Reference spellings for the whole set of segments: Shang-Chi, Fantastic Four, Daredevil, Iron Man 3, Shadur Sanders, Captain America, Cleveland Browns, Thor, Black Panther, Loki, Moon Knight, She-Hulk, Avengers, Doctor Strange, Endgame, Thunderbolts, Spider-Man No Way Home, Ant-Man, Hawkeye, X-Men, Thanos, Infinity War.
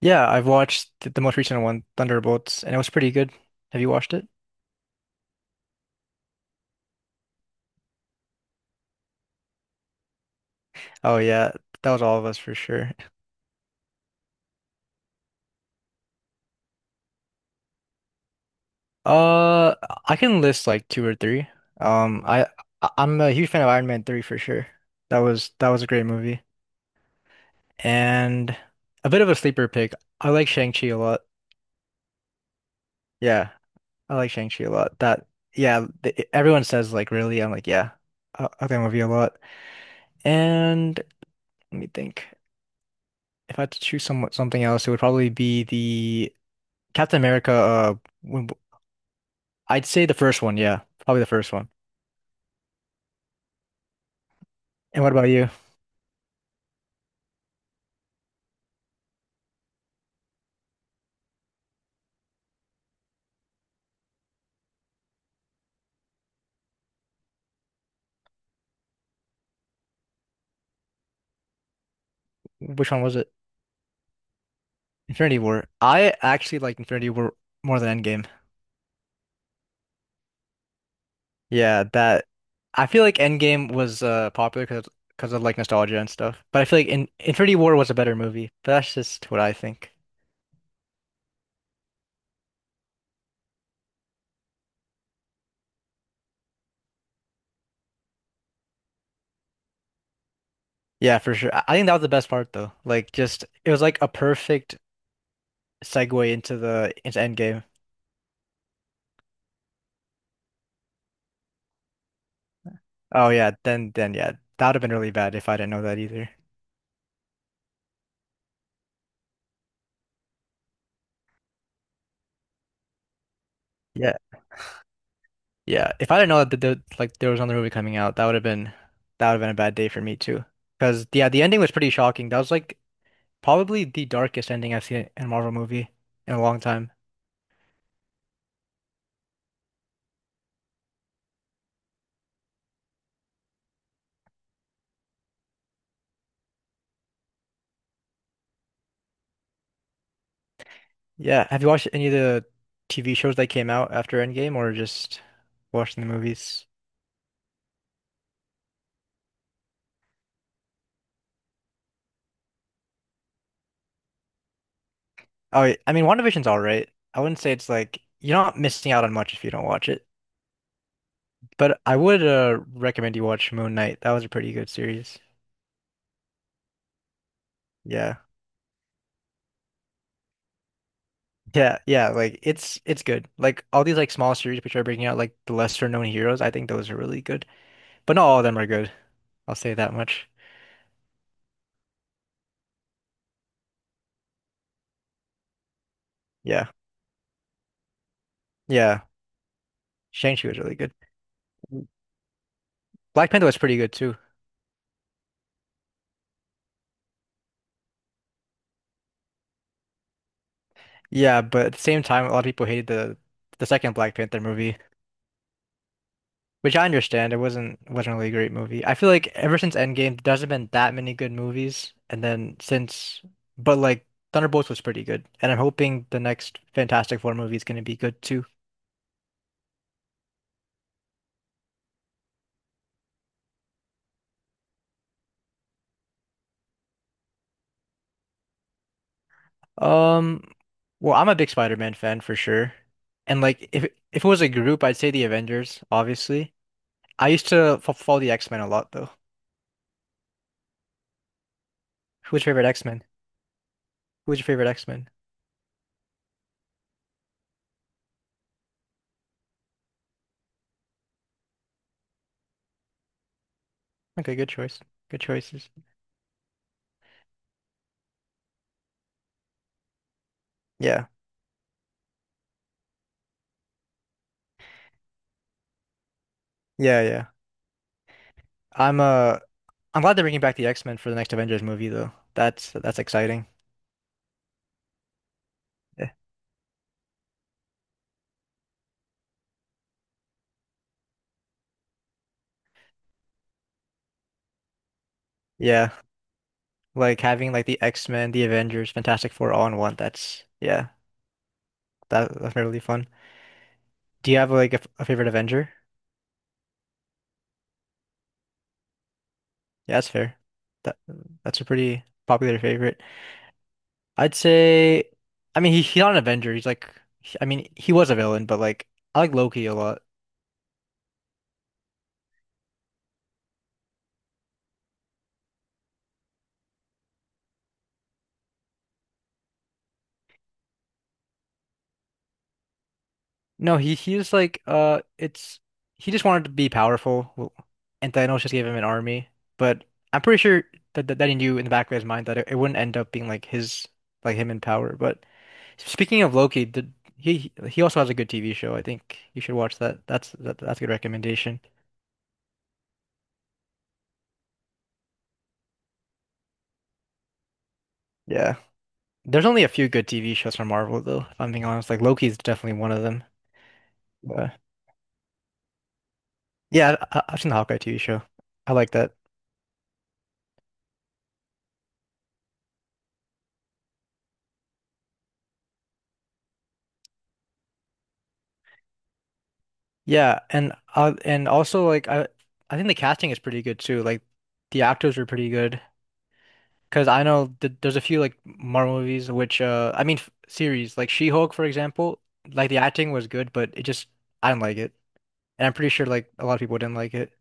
Yeah, I've watched the most recent one, Thunderbolts, and it was pretty good. Have you watched it? Oh yeah, that was all of us for sure. Uh, I can list like two or three. Um, I I'm a huge fan of Iron Man 3 for sure. That was a great movie. And a bit of a sleeper pick. I like Shang-Chi a lot. Yeah, I like Shang-Chi a lot. That yeah, th Everyone says like really. I'm like, yeah. I like that movie a lot. And let me think. If I had to choose something else, it would probably be Captain America, when- I'd say the first one, yeah, probably the first one. And what about you? Which one was it? Infinity War. I actually like Infinity War more than Endgame. Yeah, that I feel like Endgame was popular because of like nostalgia and stuff. But I feel like in Infinity War was a better movie. But that's just what I think. Yeah, for sure. I think that was the best part though. Like just it was like a perfect segue into Endgame. Oh yeah, then yeah, that would have been really bad if I didn't know that either. Yeah. Yeah, if I didn't know that like there was another movie coming out, that would have been a bad day for me too. Because yeah, the ending was pretty shocking. That was like probably the darkest ending I've seen in a Marvel movie in a long time. Yeah, have you watched any of the TV shows that came out after Endgame or just watching the movies? Oh, yeah, I mean, WandaVision's all right. I wouldn't say it's like you're not missing out on much if you don't watch it, but I would recommend you watch Moon Knight. That was a pretty good series. Yeah. Yeah, yeah, like it's good. Like all these like small series which are bringing out like the lesser known heroes, I think those are really good. But not all of them are good. I'll say that much. Yeah. Yeah. Shang-Chi was really good. Black Panther was pretty good too. Yeah, but at the same time a lot of people hated the second Black Panther movie, which I understand. It wasn't really a great movie. I feel like ever since Endgame there hasn't been that many good movies and then since but like Thunderbolts was pretty good. And I'm hoping the next Fantastic Four movie is going to be good too. Um, well, I'm a big Spider-Man fan for sure. And like if it was a group, I'd say the Avengers, obviously. I used to f follow the X-Men a lot though. Who's your favorite X-Men? Who's your favorite X-Men? Okay, good choice. Good choices. Yeah. Yeah, yeah. I'm I'm glad they're bringing back the X-Men for the next Avengers movie though. That's exciting. Yeah. Yeah. Like having like the X-Men, the Avengers, Fantastic Four all in one. That's yeah. That's really fun. Do you have like a favorite Avenger? Yeah, that's fair. That that's a pretty popular favorite. I'd say, I mean, he's not an Avenger. He's like, I mean, he was a villain, but like, I like Loki a lot. No, he was like, it's he just wanted to be powerful. Well, and Thanos just gave him an army. But I'm pretty sure that he knew in the back of his mind that it wouldn't end up being like his like him in power. But speaking of Loki, did he also has a good TV show. I think you should watch that. That's a good recommendation. Yeah. There's only a few good TV shows from Marvel, though, if I'm being honest. Like Loki's definitely one of them. But yeah, I've seen the Hawkeye TV show. I like that. Yeah, and also like I think the casting is pretty good too. Like the actors are pretty good because I know th there's a few like Marvel movies which I mean f series like She-Hulk for example. Like the acting was good, but it just I didn't like it, and I'm pretty sure like a lot of people didn't like it.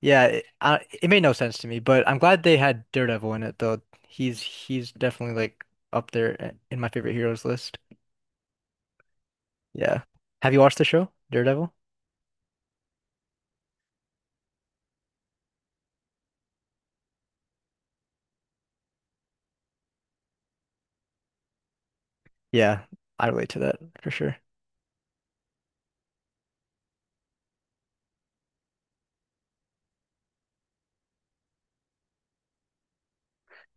It made no sense to me, but I'm glad they had Daredevil in it though. He's definitely like up there in my favorite heroes list. Yeah. Have you watched the show, Daredevil? Yeah, I relate to that for sure.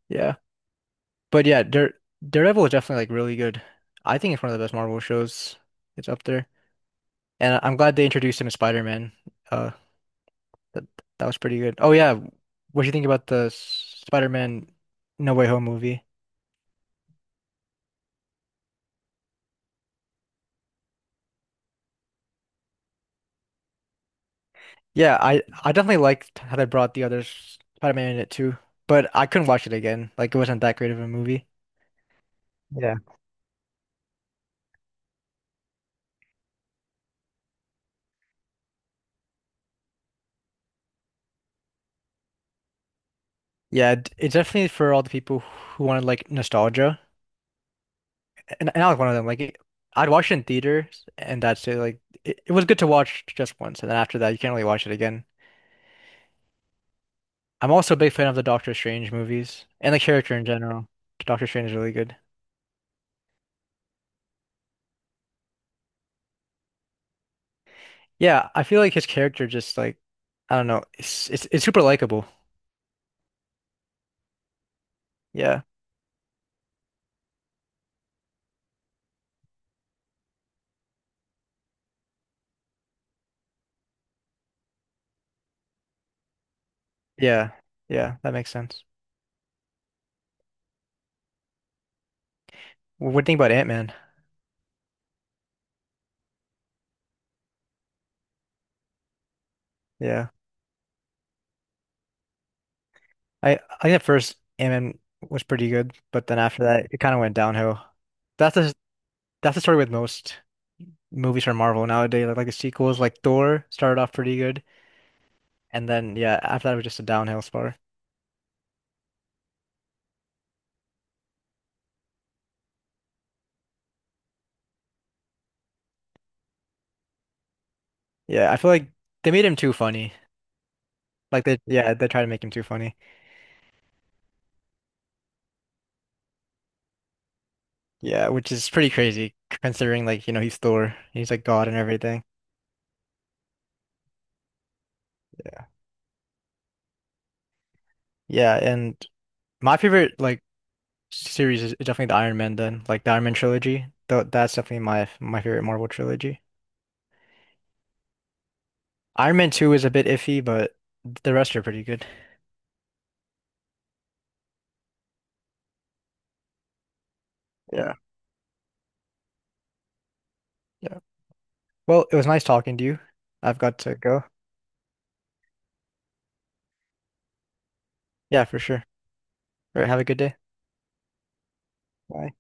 Yeah. But yeah, Daredevil is definitely like really good. I think it's one of the best Marvel shows. It's up there. And I'm glad they introduced him as Spider-Man. Uh that that was pretty good. Oh yeah, what do you think about the Spider-Man No Way Home movie? Yeah, I definitely liked how they brought the other Spider-Man in it too, but I couldn't watch it again. Like it wasn't that great of a movie. Yeah. Yeah, it's definitely for all the people who wanted like nostalgia, and I was one of them. Like it, I'd watch it in theaters, and that's it. Like it was good to watch just once, and then after that, you can't really watch it again. I'm also a big fan of the Doctor Strange movies and the character in general. Doctor Strange is really good. Yeah, I feel like his character just like I don't know, it's super likable. Yeah, yeah, yeah, that makes sense. What do you think about Ant-Man? Yeah. I think at first Ant-Man was pretty good, but then after that it kind of went downhill. That's the that's the story with most movies from Marvel nowadays. Like the sequels, like Thor started off pretty good, and then yeah, after that it was just a downhill spiral. Yeah, I feel like they made him too funny. Like they yeah, they tried to make him too funny. Yeah, which is pretty crazy considering like, you know, he's Thor, he's like God and everything. Yeah, yeah, and my favorite like series is definitely the Iron Man then, like the Iron Man trilogy. Though that's definitely my favorite Marvel trilogy. Iron Man 2 is a bit iffy, but the rest are pretty good. Yeah, yeah. Well, it was nice talking to you. I've got to go. Yeah, for sure. All right, have a good day. Bye.